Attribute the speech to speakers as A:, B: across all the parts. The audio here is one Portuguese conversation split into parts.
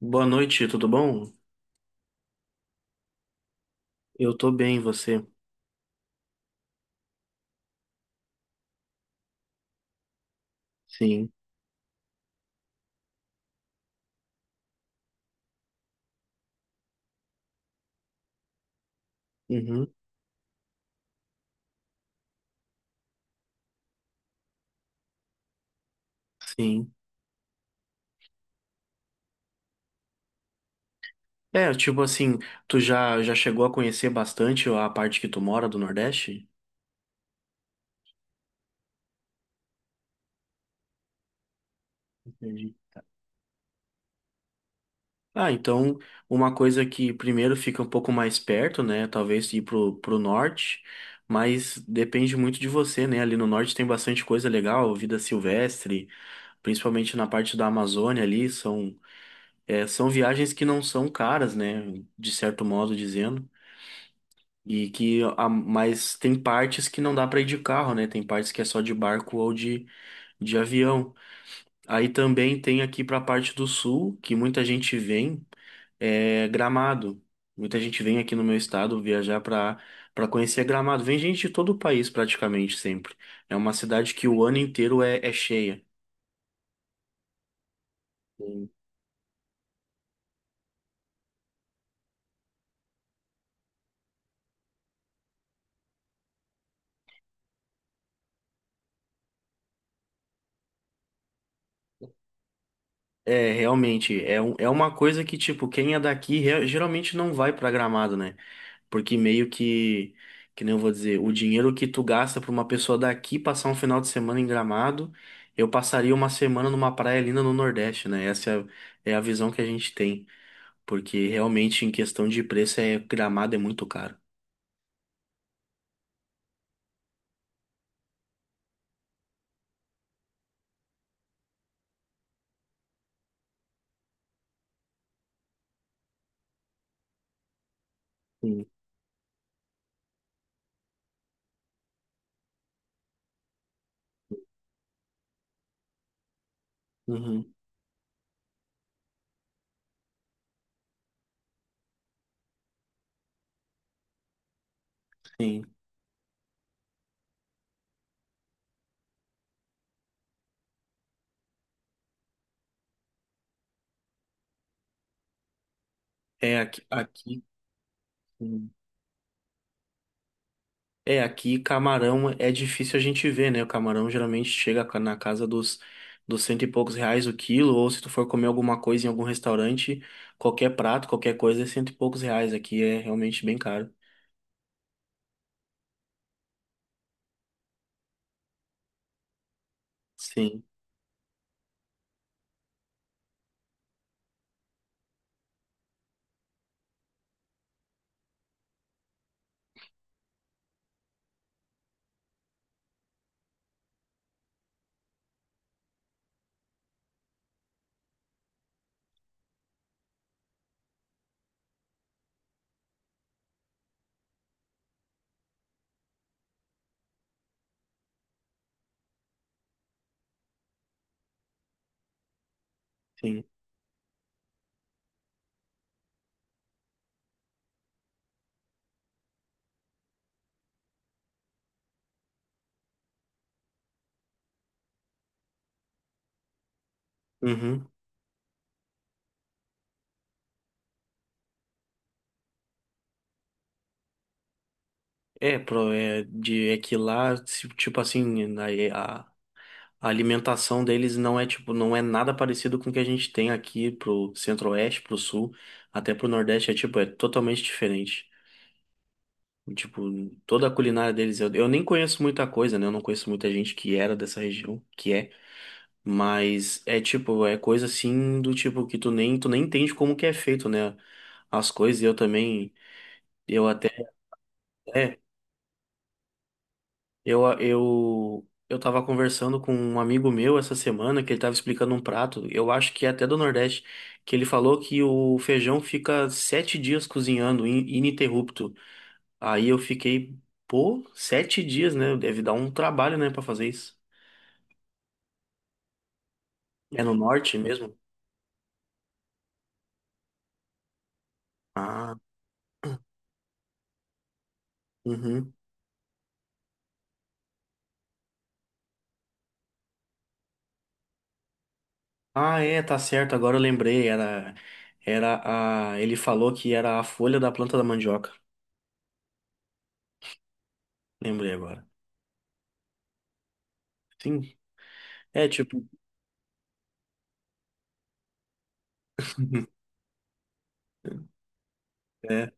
A: Boa noite, tudo bom? Eu tô bem, você? Sim. Uhum, sim. É, tipo assim, tu já chegou a conhecer bastante a parte que tu mora do Nordeste? Entendi. Ah, então, uma coisa que primeiro fica um pouco mais perto, né? Talvez ir pro norte, mas depende muito de você, né? Ali no norte tem bastante coisa legal, vida silvestre, principalmente na parte da Amazônia ali, são viagens que não são caras, né? De certo modo dizendo. Mas tem partes que não dá para ir de carro, né? Tem partes que é só de barco ou de avião. Aí também tem aqui para a parte do sul, que muita gente vem, é Gramado. Muita gente vem aqui no meu estado viajar para conhecer Gramado. Vem gente de todo o país praticamente sempre. É uma cidade que o ano inteiro é cheia. Sim. É, realmente, é uma coisa que, tipo, quem é daqui geralmente não vai para Gramado, né? Porque meio que nem eu vou dizer, o dinheiro que tu gasta pra uma pessoa daqui passar um final de semana em Gramado, eu passaria uma semana numa praia linda no Nordeste, né? Essa é a visão que a gente tem. Porque realmente, em questão de preço, Gramado é muito caro. Sim. Uhum, sim. É aqui, aqui. É, aqui camarão é difícil a gente ver, né? O camarão geralmente chega na casa dos cento e poucos reais o quilo, ou se tu for comer alguma coisa em algum restaurante, qualquer prato, qualquer coisa é cento e poucos reais. Aqui é realmente bem caro. Sim, sim. Uhum. É que lá, tipo assim, a alimentação deles não é tipo, não é nada parecido com o que a gente tem aqui pro centro-oeste, pro sul, até pro nordeste, é totalmente diferente. Tipo, toda a culinária deles, eu nem conheço muita coisa, né? Eu não conheço muita gente que era dessa região, mas é tipo, é coisa assim do tipo que tu nem entende como que é feito, né? As coisas, e eu também, eu até, é, eu tava conversando com um amigo meu essa semana que ele tava explicando um prato, eu acho que é até do Nordeste, que ele falou que o feijão fica 7 dias cozinhando, ininterrupto. Aí eu fiquei, pô, 7 dias, né? Deve dar um trabalho, né, pra fazer isso. É no norte mesmo? Ah, uhum. Ah, é, tá certo. Agora eu lembrei. Era a. Ele falou que era a folha da planta da mandioca. Lembrei agora. Sim. É tipo. É,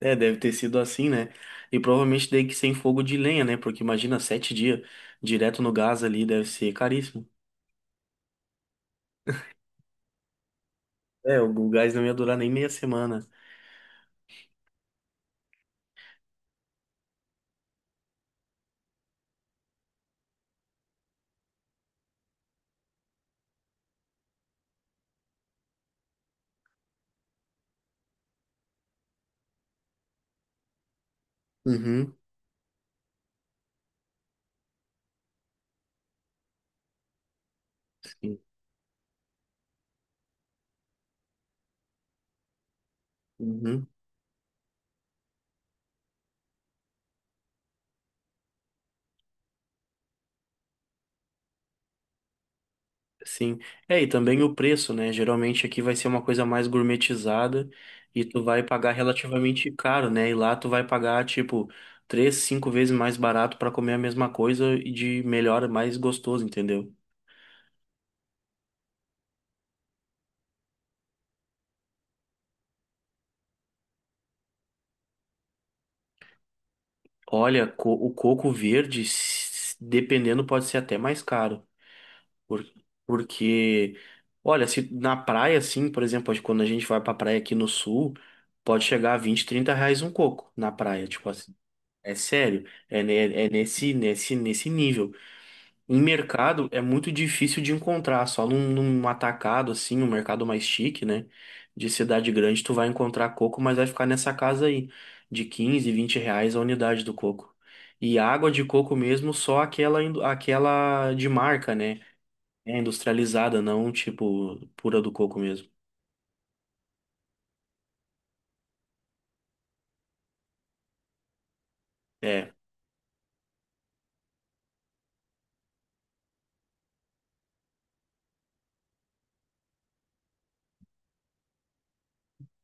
A: Deve ter sido assim, né? E provavelmente tem que ser em fogo de lenha, né? Porque imagina 7 dias direto no gás ali, deve ser caríssimo. É, o gás não ia durar nem meia semana. Uhum. Sim. Uhum. Sim. É, e também o preço, né? Geralmente aqui vai ser uma coisa mais gourmetizada e tu vai pagar relativamente caro, né? E lá tu vai pagar, tipo, 3, 5 vezes mais barato pra comer a mesma coisa e de melhor, mais gostoso, entendeu? Olha, o coco verde, dependendo, pode ser até mais caro. Por- Porque, olha, se na praia, assim, por exemplo, quando a gente vai pra praia aqui no sul, pode chegar a 20, 30 reais um coco na praia, tipo assim. É sério, é nesse nível. Em mercado é muito difícil de encontrar, só num atacado assim, um mercado mais chique, né? De cidade grande, tu vai encontrar coco, mas vai ficar nessa casa aí, de 15, 20 reais a unidade do coco. E água de coco mesmo, só aquela, aquela de marca, né? É industrializada, não tipo pura do coco mesmo. É,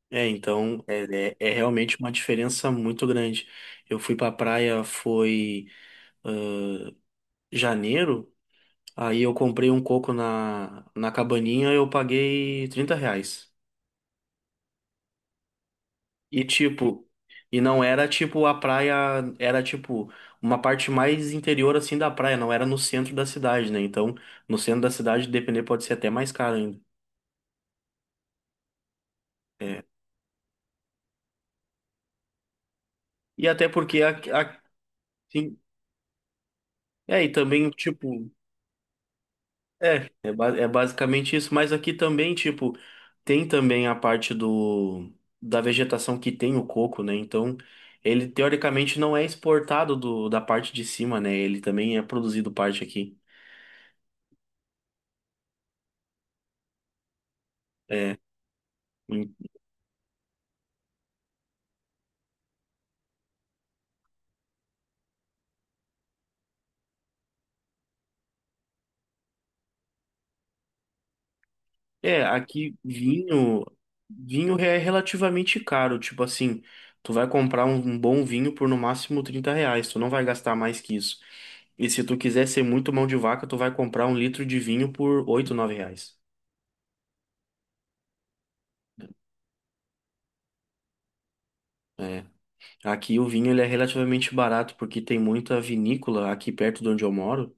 A: é, então é, é realmente uma diferença muito grande. Eu fui pra praia, foi. Janeiro, aí eu comprei um coco na cabaninha e eu paguei 30 reais. E tipo, não era tipo a praia, era tipo uma parte mais interior assim da praia, não era no centro da cidade, né? Então, no centro da cidade, depender, pode ser até mais caro ainda. É. E até porque, a- sim, e também, tipo, basicamente isso, mas aqui também, tipo, tem também a parte do da vegetação que tem o coco, né? Então, ele teoricamente não é exportado da parte de cima, né? Ele também é produzido parte aqui. É, hum. Aqui vinho é relativamente caro, tipo assim, tu vai comprar um bom vinho por no máximo 30 reais, tu não vai gastar mais que isso. E se tu quiser ser muito mão de vaca, tu vai comprar um litro de vinho por 8, 9 reais. É. Aqui o vinho ele é relativamente barato porque tem muita vinícola aqui perto de onde eu moro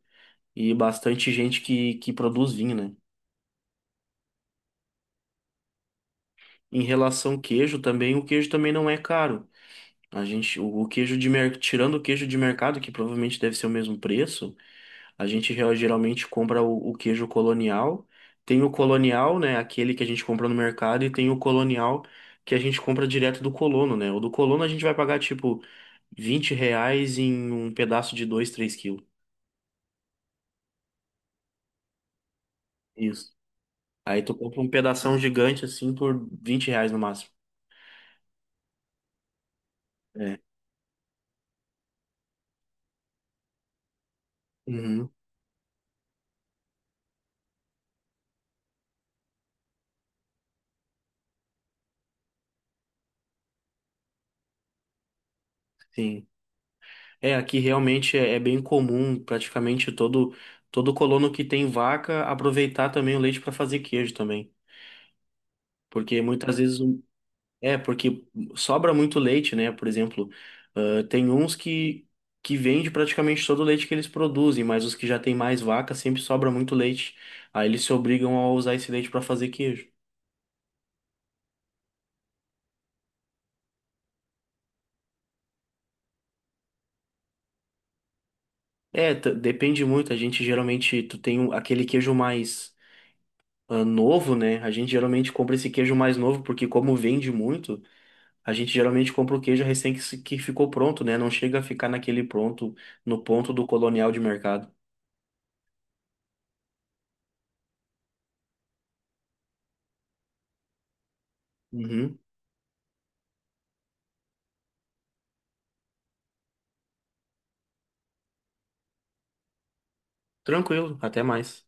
A: e bastante gente que produz vinho, né? Em relação ao queijo também, o queijo também não é caro. A gente, o queijo de mer... Tirando o queijo de mercado, que provavelmente deve ser o mesmo preço, a gente geralmente compra o queijo colonial. Tem o colonial, né, aquele que a gente compra no mercado e tem o colonial que a gente compra direto do colono, né? O do colono a gente vai pagar tipo 20 reais em um pedaço de 2, 3 quilos. Isso. Aí tu compra um pedação gigante assim por 20 reais no máximo. É. Uhum, sim. É, aqui realmente é bem comum praticamente todo colono que tem vaca aproveitar também o leite para fazer queijo também. Porque muitas vezes. É, porque sobra muito leite, né? Por exemplo, tem uns que vende praticamente todo o leite que eles produzem, mas os que já têm mais vaca sempre sobra muito leite. Aí eles se obrigam a usar esse leite para fazer queijo. É, depende muito. A gente geralmente, tu tem aquele queijo mais novo, né? A gente geralmente compra esse queijo mais novo, porque como vende muito, a gente geralmente compra o queijo recém que ficou pronto, né? Não chega a ficar no ponto do colonial de mercado. Uhum. Tranquilo, até mais.